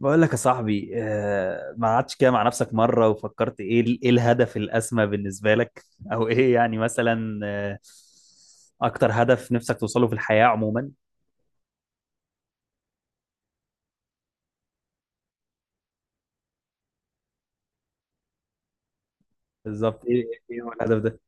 بقول لك يا صاحبي ما قعدتش كده مع نفسك مرة وفكرت ايه ايه الهدف الأسمى بالنسبة لك او ايه يعني مثلا اكتر هدف نفسك توصله في الحياة عموما. بالظبط ايه؟ ايه هو الهدف ده؟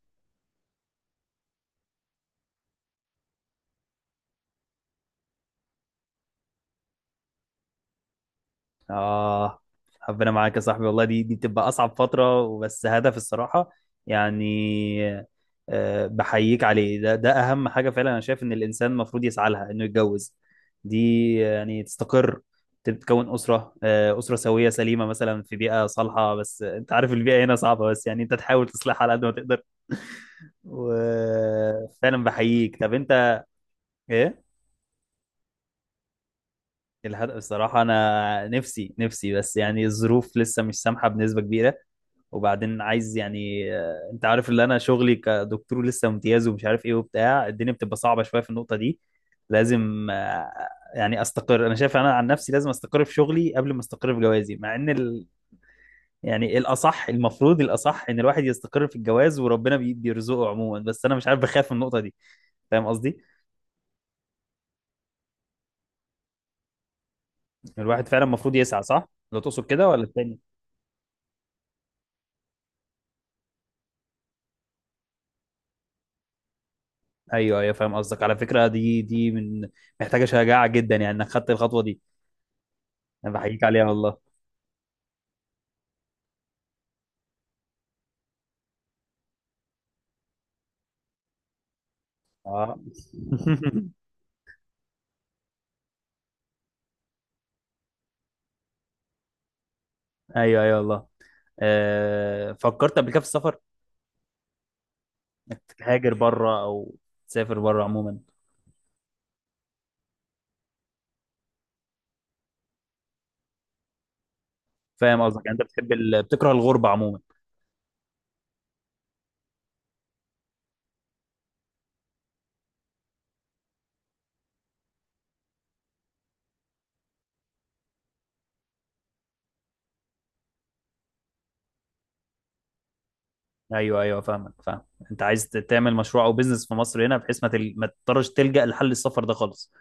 آه، ربنا معاك يا صاحبي، والله دي بتبقى أصعب فترة، وبس هدف الصراحة يعني. آه، بحييك عليه، ده أهم حاجة فعلا، أنا شايف إن الإنسان المفروض يسعى لها إنه يتجوز، دي يعني تستقر، تتكون أسرة، آه، أسرة سوية سليمة مثلا في بيئة صالحة. بس أنت عارف البيئة هنا صعبة، بس يعني أنت تحاول تصلحها على قد ما تقدر. وفعلا بحييك. طب أنت؟ إيه؟ الهدف الصراحة أنا نفسي بس، يعني الظروف لسه مش سامحة بنسبة كبيرة. وبعدين عايز يعني انت عارف اللي انا شغلي كدكتور لسه امتياز ومش عارف ايه وبتاع، الدنيا بتبقى صعبة شوية في النقطة دي. لازم يعني استقر، انا شايف انا عن نفسي لازم استقر في شغلي قبل ما استقر في جوازي. مع ان يعني الاصح، المفروض الاصح ان الواحد يستقر في الجواز وربنا بيرزقه عموما، بس انا مش عارف بخاف من النقطة دي، فاهم قصدي؟ الواحد فعلا المفروض يسعى، صح؟ لو تقصد كده ولا التاني؟ ايوه ايوه فاهم قصدك. على فكرة دي من، محتاجة شجاعة جدا يعني، انك خدت الخطوة دي. انا بحييك عليها والله. اه. ايوه ايوه والله. آه، فكرت قبل كده في السفر؟ تهاجر بره او تسافر بره عموما؟ فاهم قصدك. يعني انت بتحب بتكره الغربه عموما. ايوه ايوه فاهمك، فاهم. انت عايز تعمل مشروع او بيزنس في مصر هنا، بحيث ما، ما تضطرش تلجأ لحل السفر ده خالص.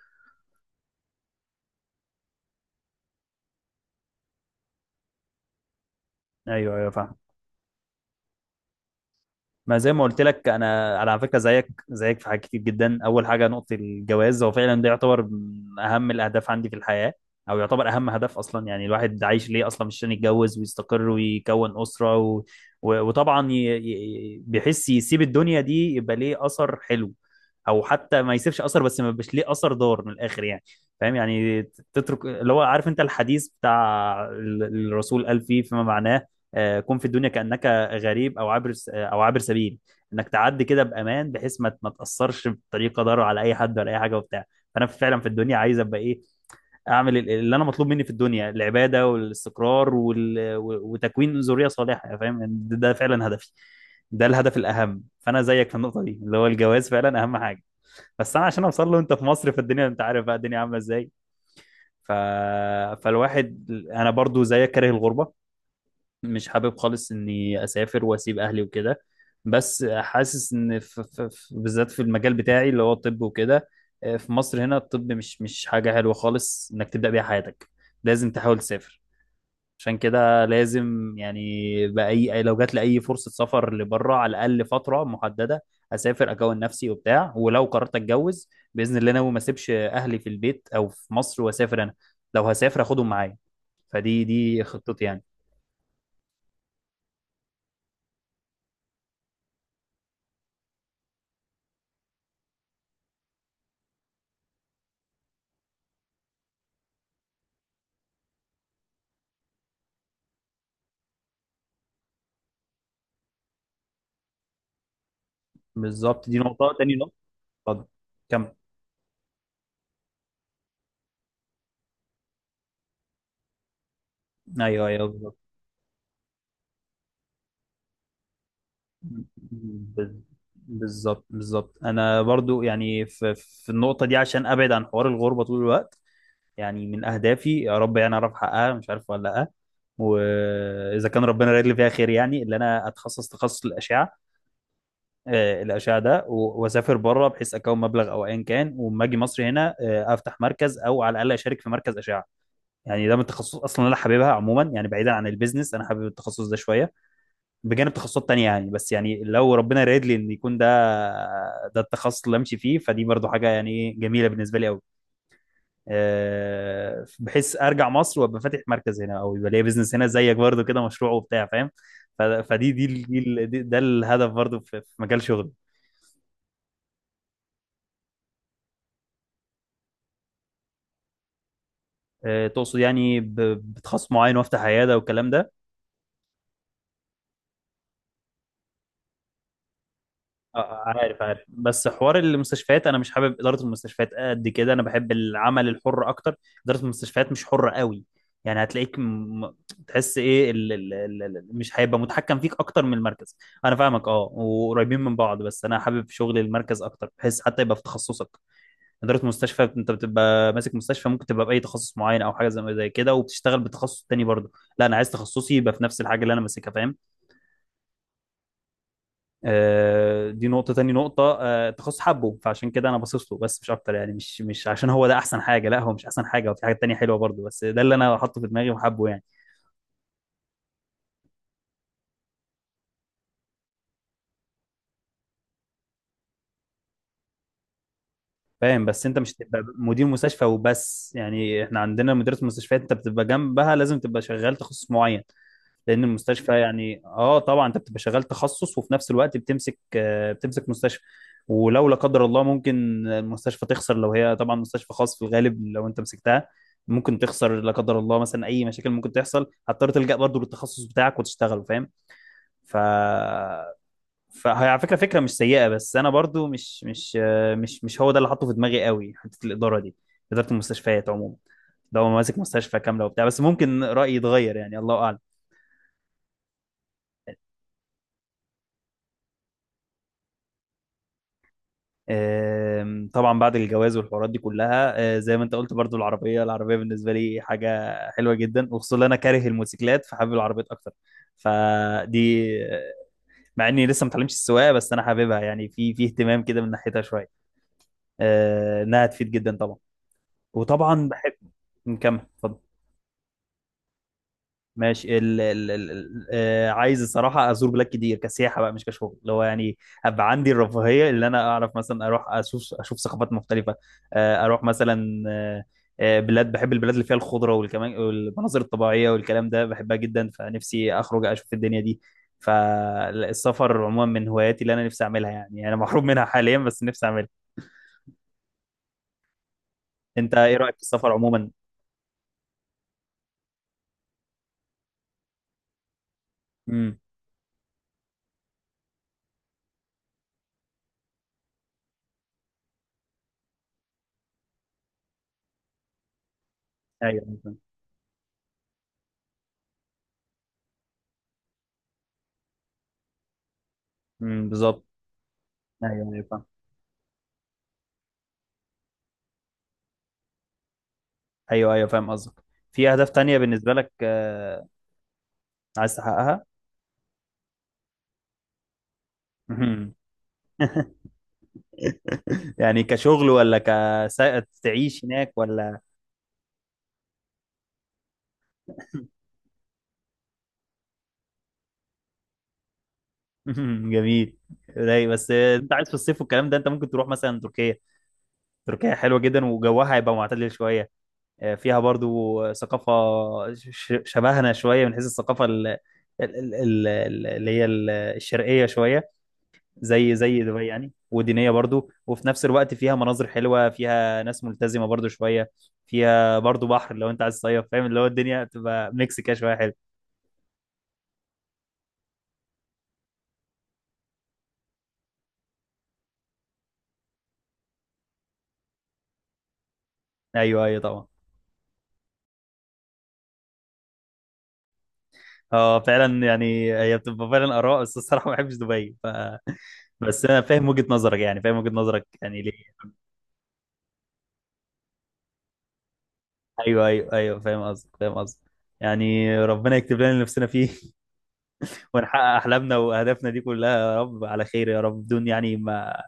ايوه ايوه فاهم. ما زي ما قلت لك، انا على فكره زيك، زيك في حاجات كتير جدا. اول حاجه نقطه الجواز، هو فعلا ده يعتبر من اهم الاهداف عندي في الحياه، او يعتبر اهم هدف اصلا. يعني الواحد عايش ليه اصلا؟ مش عشان يتجوز ويستقر ويكون اسره و... و... وطبعا بيحس يسيب الدنيا دي يبقى ليه اثر حلو، او حتى ما يسيبش اثر، بس ما يبقاش ليه اثر ضار من الاخر يعني، فاهم يعني؟ تترك اللي هو، عارف انت الحديث بتاع الرسول قال فيه، فيما معناه، كن في الدنيا كأنك غريب او او عابر سبيل. انك تعدي كده بامان، بحيث ما تاثرش بطريقه ضار على اي حد ولا اي حاجه وبتاع. فانا فعلا في الدنيا عايز ابقى ايه، اعمل اللي انا مطلوب مني في الدنيا، العباده والاستقرار وال... و- وتكوين ذريه صالحه، يعني فاهم يعني؟ ده فعلا هدفي، ده الهدف الاهم. فانا زيك في النقطه دي، اللي هو الجواز فعلا اهم حاجه. بس انا عشان اوصل له، انت في مصر في الدنيا انت عارف بقى الدنيا عامله ازاي. ف... فالواحد، انا برضو زيك كاره الغربه، مش حابب خالص اني اسافر واسيب اهلي وكده. بس حاسس ان في بالذات في المجال بتاعي اللي هو الطب وكده، في مصر هنا الطب مش حاجة حلوة خالص انك تبدأ بيها حياتك، لازم تحاول تسافر. عشان كده لازم يعني، بأي لو جات لي اي فرصة سفر لبره على الاقل فترة محددة، اسافر اكون نفسي وبتاع. ولو قررت اتجوز باذن الله، ناوي ما اسيبش اهلي في البيت او في مصر واسافر انا، لو هسافر اخدهم معايا. فدي خطتي يعني. بالظبط، دي نقطة تاني. اتفضل. كم؟ ايوه ايوه بالظبط. بز- بالظبط بالظبط. انا برضو يعني في في النقطه دي، عشان ابعد عن حوار الغربه طول الوقت، يعني من اهدافي يا رب يعني اعرف احققها، مش عارف ولا لا. واذا كان ربنا رايد لي فيها خير، يعني اللي انا اتخصص تخصص الاشعه. آه، الاشعه ده واسافر بره بحيث اكون مبلغ او ايا كان، واما اجي مصر هنا افتح مركز او على الاقل اشارك في مركز اشعه. يعني ده من التخصص اصلا اللي انا حاببها عموما، يعني بعيدا عن البيزنس انا حابب التخصص ده شويه، بجانب تخصصات تانية يعني. بس يعني لو ربنا رايد لي ان يكون ده ده التخصص اللي امشي فيه، فدي برضو حاجه يعني ايه جميله بالنسبه لي قوي. أه، بحيث ارجع مصر وابقى فاتح مركز هنا، او يبقى ليا بزنس هنا زيك برضو كده، مشروع وبتاع، فاهم؟ ف- فدي دي, ال- دي, ال- دي ده الهدف برضو في في مجال شغلي. أه تقصد يعني بتخصص معين وافتح عياده والكلام ده. اه عارف عارف، بس حوار المستشفيات انا مش حابب اداره المستشفيات قد كده، انا بحب العمل الحر اكتر. اداره المستشفيات مش حره قوي، يعني هتلاقيك تحس ايه مش هيبقى متحكم فيك اكتر من المركز. انا فاهمك، اه، وقريبين من بعض، بس انا حابب شغل المركز اكتر، بحيث حتى يبقى في تخصصك. اداره مستشفى انت بتبقى ماسك مستشفى، ممكن تبقى باي تخصص معين او حاجه زي كده وبتشتغل بتخصص تاني برضه. لا انا عايز تخصصي يبقى في نفس الحاجه اللي انا ماسكها، فاهم؟ آه، دي نقطة تاني. نقطة آه، تخص حبه، فعشان كده أنا باصص له بس مش أكتر. يعني مش عشان هو ده أحسن حاجة، لا هو مش أحسن حاجة، وفي حاجات تانية حلوة برضه، بس ده اللي أنا حاطه في دماغي وحبه يعني. فاهم بس أنت مش تبقى مدير مستشفى وبس يعني، إحنا عندنا مديرة المستشفيات أنت بتبقى جنبها، لازم تبقى شغال تخصص معين. لان المستشفى يعني، اه طبعا انت بتبقى شغال تخصص وفي نفس الوقت بتمسك، بتمسك مستشفى. ولو لا قدر الله ممكن المستشفى تخسر، لو هي طبعا مستشفى خاص في الغالب لو انت مسكتها، ممكن تخسر لا قدر الله، مثلا اي مشاكل ممكن تحصل هتضطر تلجأ برضه للتخصص بتاعك وتشتغل، فاهم؟ ف فهي على فكره، فكره مش سيئه، بس انا برضو مش مش هو ده اللي حاطه في دماغي قوي، حته الاداره دي، اداره المستشفيات عموما. لو ماسك مستشفى كامله وبتاع، بس ممكن رايي يتغير يعني، الله اعلم. آم، طبعا بعد الجواز والحوارات دي كلها، زي ما انت قلت برضو، العربيه بالنسبه لي حاجه حلوه جدا، وخصوصا ان انا كاره الموتوسيكلات، فحابب العربيات اكتر. فدي آه، مع اني لسه ما اتعلمتش السواقه، بس انا حاببها يعني، في في اهتمام كده من ناحيتها شويه، آه، انها تفيد جدا طبعا. وطبعا بحب، نكمل اتفضل. ماشي عايز الصراحه ازور بلاد كتير كسياحه بقى، مش كشغل، اللي هو يعني ابقى عندي الرفاهيه اللي انا اعرف مثلا اروح اشوف ثقافات مختلفه. اروح مثلا بلاد، بحب البلاد اللي فيها الخضره والكمان والمناظر الطبيعيه والكلام ده، بحبها جدا، فنفسي اخرج اشوف الدنيا دي. فالسفر عموما من هواياتي اللي انا نفسي اعملها، يعني انا محروم منها حاليا بس نفسي اعملها. انت ايه رايك في السفر عموما؟ امم. ايوه. امم، بالظبط. ايوه ايوه فاهم. ايوه ايوه فاهم قصدك. في اهداف تانية بالنسبة لك عايز تحققها؟ مهم. يعني كشغل ولا كسائق تعيش هناك ولا؟ مهم. جميل. رايق، بس انت عايز في الصيف والكلام ده، انت ممكن تروح مثلا تركيا. تركيا حلوه جدا، وجوها هيبقى معتدل شويه، فيها برضو ثقافه شبهنا شويه، من حيث الثقافه اللي هي الشرقيه شويه، زي دبي يعني. ودينية برضو وفي نفس الوقت فيها مناظر حلوة، فيها ناس ملتزمة برضو شوية، فيها برضو بحر لو انت عايز تصيف، فاهم؟ اللي هو الدنيا بتبقى ميكس كده شوية حلو. ايوه ايوه طبعا. اه فعلا يعني، هي بتبقى فعلا اراء، بس الصراحة ما بحبش دبي بس انا فاهم وجهة نظرك يعني، فاهم وجهة نظرك يعني ليه. ايوه ايوه ايوه فاهم قصدك، فاهم قصدك. يعني ربنا يكتب لنا اللي نفسنا فيه، ونحقق احلامنا واهدافنا دي كلها يا رب، على خير يا رب، بدون يعني ما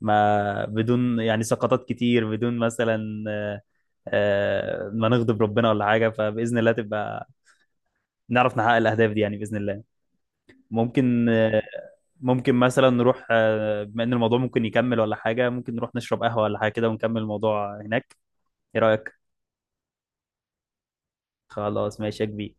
ما بدون يعني سقطات كتير، بدون مثلا آه، ما نغضب ربنا ولا حاجه. فباذن الله تبقى نعرف نحقق الاهداف دي يعني، باذن الله. ممكن آه، ممكن مثلا نروح آه، بما ان الموضوع ممكن يكمل ولا حاجه، ممكن نروح نشرب قهوه ولا حاجه كده ونكمل الموضوع هناك، ايه رايك؟ خلاص ماشي يا كبير.